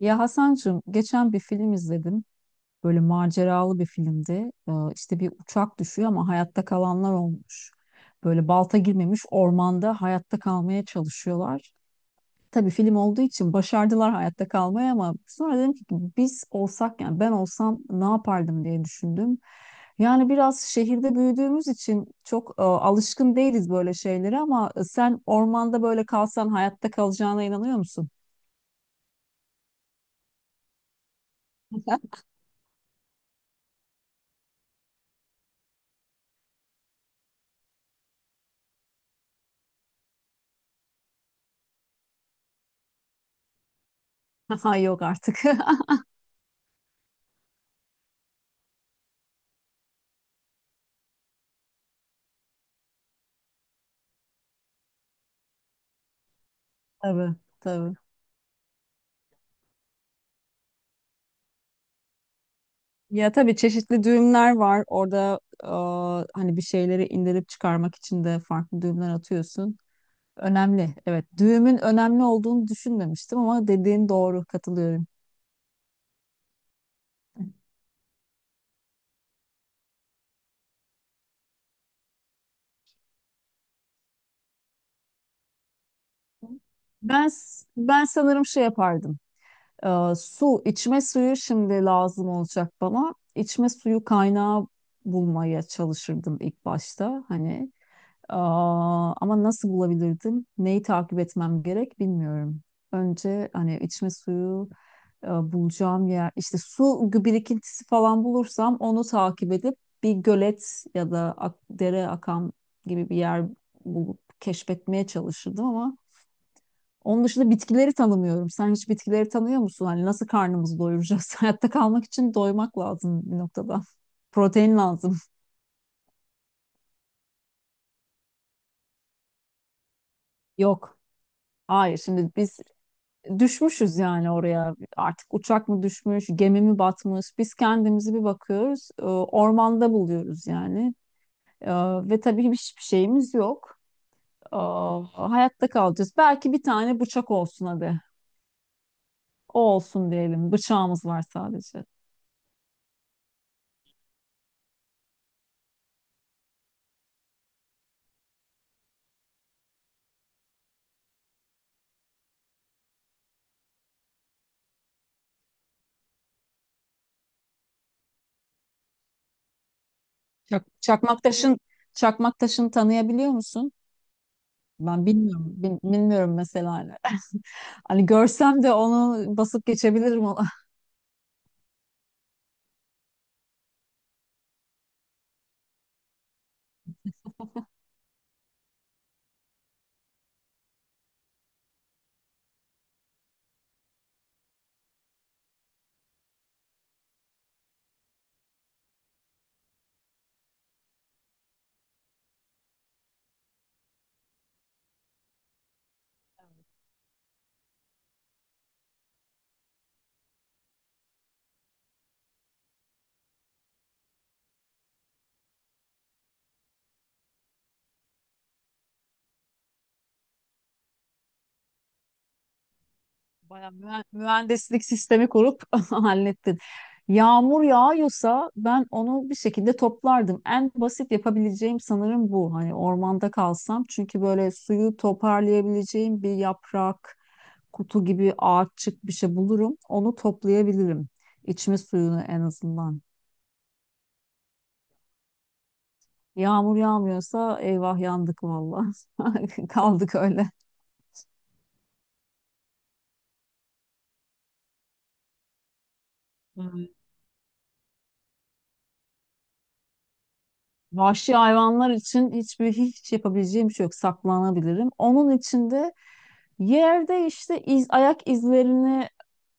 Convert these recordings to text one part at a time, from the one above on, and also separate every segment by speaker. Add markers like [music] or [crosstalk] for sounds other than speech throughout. Speaker 1: Ya Hasancığım geçen bir film izledim. Böyle maceralı bir filmdi. İşte bir uçak düşüyor ama hayatta kalanlar olmuş. Böyle balta girmemiş ormanda hayatta kalmaya çalışıyorlar. Tabii film olduğu için başardılar hayatta kalmayı, ama sonra dedim ki biz olsak, yani ben olsam ne yapardım diye düşündüm. Yani biraz şehirde büyüdüğümüz için çok alışkın değiliz böyle şeylere, ama sen ormanda böyle kalsan hayatta kalacağına inanıyor musun? [laughs] Yok artık. [laughs] Tabii, tabii. Ya tabii çeşitli düğümler var. Orada hani bir şeyleri indirip çıkarmak için de farklı düğümler atıyorsun. Önemli. Evet, düğümün önemli olduğunu düşünmemiştim, ama dediğin doğru, katılıyorum. Ben ben sanırım şey yapardım. Aa, su, içme suyu şimdi lazım olacak bana. İçme suyu kaynağı bulmaya çalışırdım ilk başta. Hani aa, ama nasıl bulabilirdim? Neyi takip etmem gerek bilmiyorum. Önce hani içme suyu bulacağım yer, işte birikintisi falan bulursam onu takip edip bir gölet ya da dere akan gibi bir yer bulup keşfetmeye çalışırdım, ama onun dışında bitkileri tanımıyorum. Sen hiç bitkileri tanıyor musun? Hani nasıl karnımızı doyuracağız? [laughs] Hayatta kalmak için doymak lazım bir noktada. Protein lazım. Yok. Hayır, şimdi biz düşmüşüz yani oraya. Artık uçak mı düşmüş, gemi mi batmış? Biz kendimizi bir bakıyoruz, ormanda buluyoruz yani. E, Ve tabii hiçbir şeyimiz yok. E, Hayatta kalacağız. Belki bir tane bıçak olsun hadi. O olsun diyelim. Bıçağımız var sadece. Çakmak taşın, çakmak taşını tanıyabiliyor musun? Ben bilmiyorum. Bilmiyorum mesela. Hani [laughs] hani görsem de onu basıp geçebilirim ona. Bayağı mühendislik sistemi kurup [laughs] hallettin. Yağmur yağıyorsa ben onu bir şekilde toplardım. En basit yapabileceğim sanırım bu. Hani ormanda kalsam, çünkü böyle suyu toparlayabileceğim bir yaprak, kutu gibi ağaççık bir şey bulurum. Onu toplayabilirim. İçme suyunu en azından. Yağmur yağmıyorsa eyvah yandık valla. [laughs] Kaldık öyle. Evet. Vahşi hayvanlar için hiçbir yapabileceğim bir şey yok. Saklanabilirim. Onun için de yerde işte iz, ayak izlerini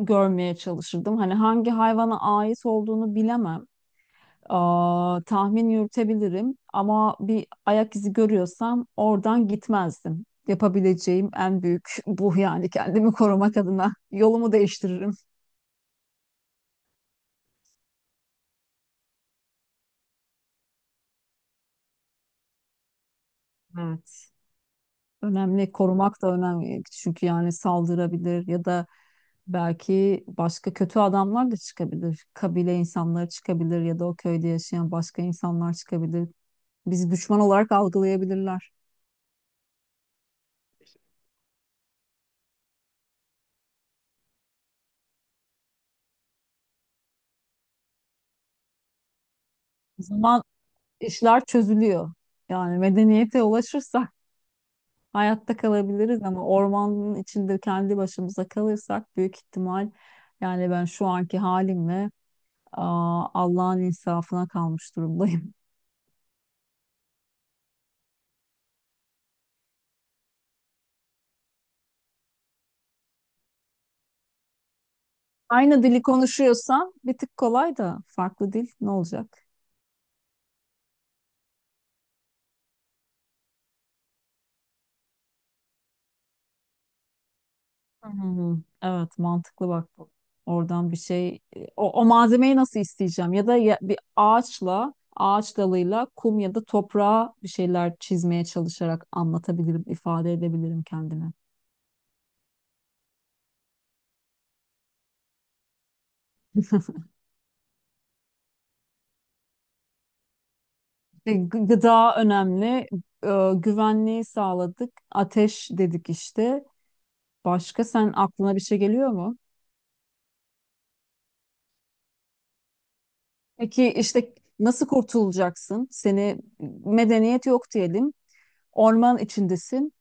Speaker 1: görmeye çalışırdım. Hani hangi hayvana ait olduğunu bilemem. Aa, tahmin yürütebilirim, ama bir ayak izi görüyorsam oradan gitmezdim. Yapabileceğim en büyük bu, yani kendimi korumak adına yolumu değiştiririm. Önemli, korumak da önemli, çünkü yani saldırabilir ya da belki başka kötü adamlar da çıkabilir. Kabile insanları çıkabilir ya da o köyde yaşayan başka insanlar çıkabilir. Bizi düşman olarak algılayabilirler. O zaman işler çözülüyor. Yani medeniyete ulaşırsak hayatta kalabiliriz, ama ormanın içinde kendi başımıza kalırsak büyük ihtimal yani ben şu anki halimle aa, Allah'ın insafına kalmış durumdayım. Aynı dili konuşuyorsan bir tık kolay, da farklı dil ne olacak? Hmm, evet mantıklı bak bu. Oradan bir şey o malzemeyi nasıl isteyeceğim, ya da bir ağaçla, ağaç dalıyla kum ya da toprağa bir şeyler çizmeye çalışarak anlatabilirim, ifade edebilirim kendimi. Gıda önemli. Güvenliği sağladık. Ateş dedik işte. Başka sen aklına bir şey geliyor mu? Peki işte nasıl kurtulacaksın? Seni, medeniyet yok diyelim. Orman içindesin.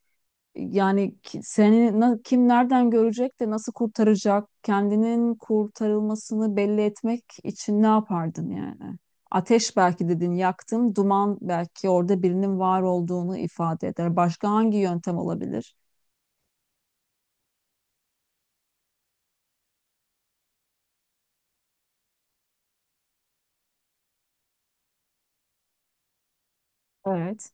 Speaker 1: Yani seni kim nereden görecek de nasıl kurtaracak? Kendinin kurtarılmasını belli etmek için ne yapardın yani? Ateş belki dedin yaktın, duman belki orada birinin var olduğunu ifade eder. Başka hangi yöntem olabilir? Evet.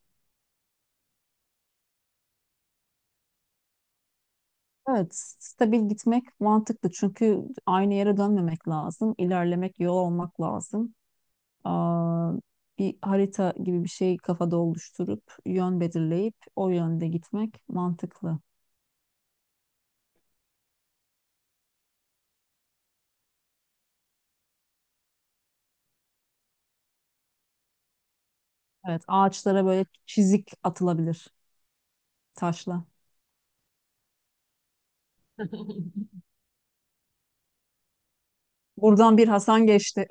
Speaker 1: Evet, stabil gitmek mantıklı, çünkü aynı yere dönmemek lazım, ilerlemek, yol olmak lazım. Aa, bir harita gibi bir şey kafada oluşturup yön belirleyip o yönde gitmek mantıklı. Evet, ağaçlara böyle çizik atılabilir taşla. Buradan bir Hasan geçti.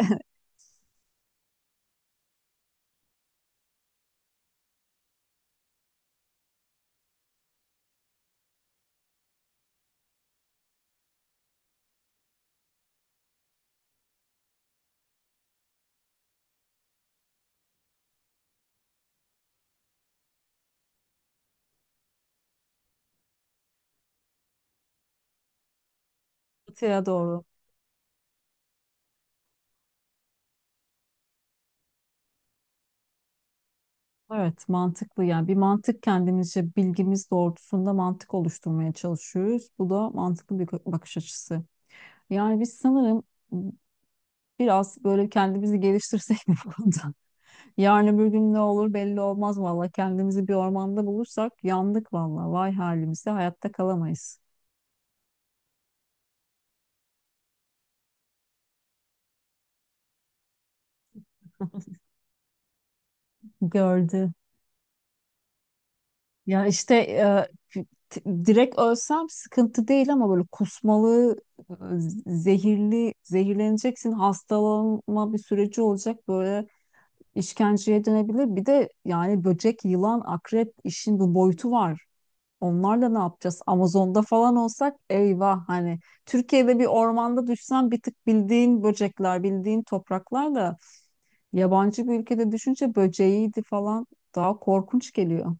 Speaker 1: [laughs] Batıya doğru. Evet, mantıklı yani. Bir mantık, kendimizce bilgimiz doğrultusunda mantık oluşturmaya çalışıyoruz. Bu da mantıklı bir bakış açısı. Yani biz sanırım biraz böyle kendimizi geliştirsek [laughs] mi bu konuda? Yarın öbür gün ne olur belli olmaz valla. Kendimizi bir ormanda bulursak yandık valla. Vay halimize, hayatta kalamayız. Gördü. Ya işte direkt ölsem sıkıntı değil, ama böyle kusmalı, e, zehirli, zehirleneceksin, hastalanma bir süreci olacak, böyle işkenceye dönebilir. Bir de yani böcek, yılan, akrep, işin bu boyutu var. Onlarla ne yapacağız? Amazon'da falan olsak eyvah, hani Türkiye'de bir ormanda düşsen bir tık bildiğin böcekler, bildiğin topraklar, da yabancı bir ülkede düşünce böceğiydi falan daha korkunç geliyor.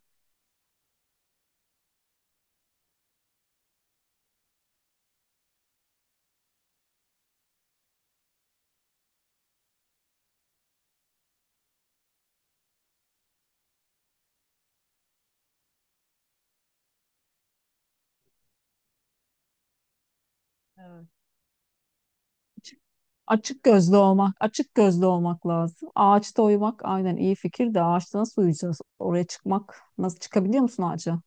Speaker 1: Evet. Açık gözlü olmak, açık gözlü olmak lazım. Ağaçta uyumak aynen iyi fikir de ağaçta nasıl uyuyacağız? Oraya çıkmak, nasıl çıkabiliyor musun ağaca?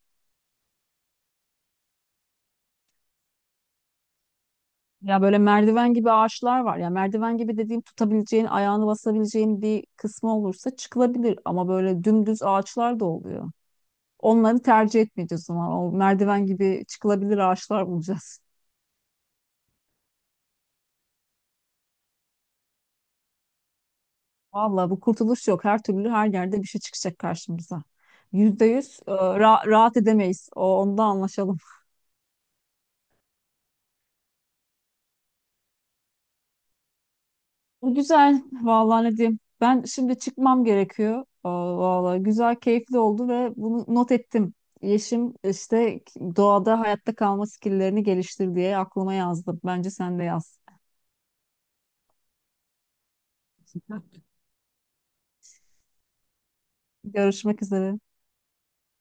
Speaker 1: Ya böyle merdiven gibi ağaçlar var. Ya merdiven gibi dediğim, tutabileceğin, ayağını basabileceğin bir kısmı olursa çıkılabilir. Ama böyle dümdüz ağaçlar da oluyor. Onları tercih etmeyeceğiz o zaman. O merdiven gibi çıkılabilir ağaçlar bulacağız. Vallahi bu, kurtuluş yok. Her türlü her yerde bir şey çıkacak karşımıza. %100 rahat edemeyiz. O, onda anlaşalım. Güzel. Vallahi ne diyeyim. Ben şimdi çıkmam gerekiyor. Aa, vallahi güzel, keyifli oldu ve bunu not ettim. Yeşim işte doğada hayatta kalma skilllerini geliştir diye aklıma yazdım. Bence sen de yaz. [laughs] Görüşmek üzere.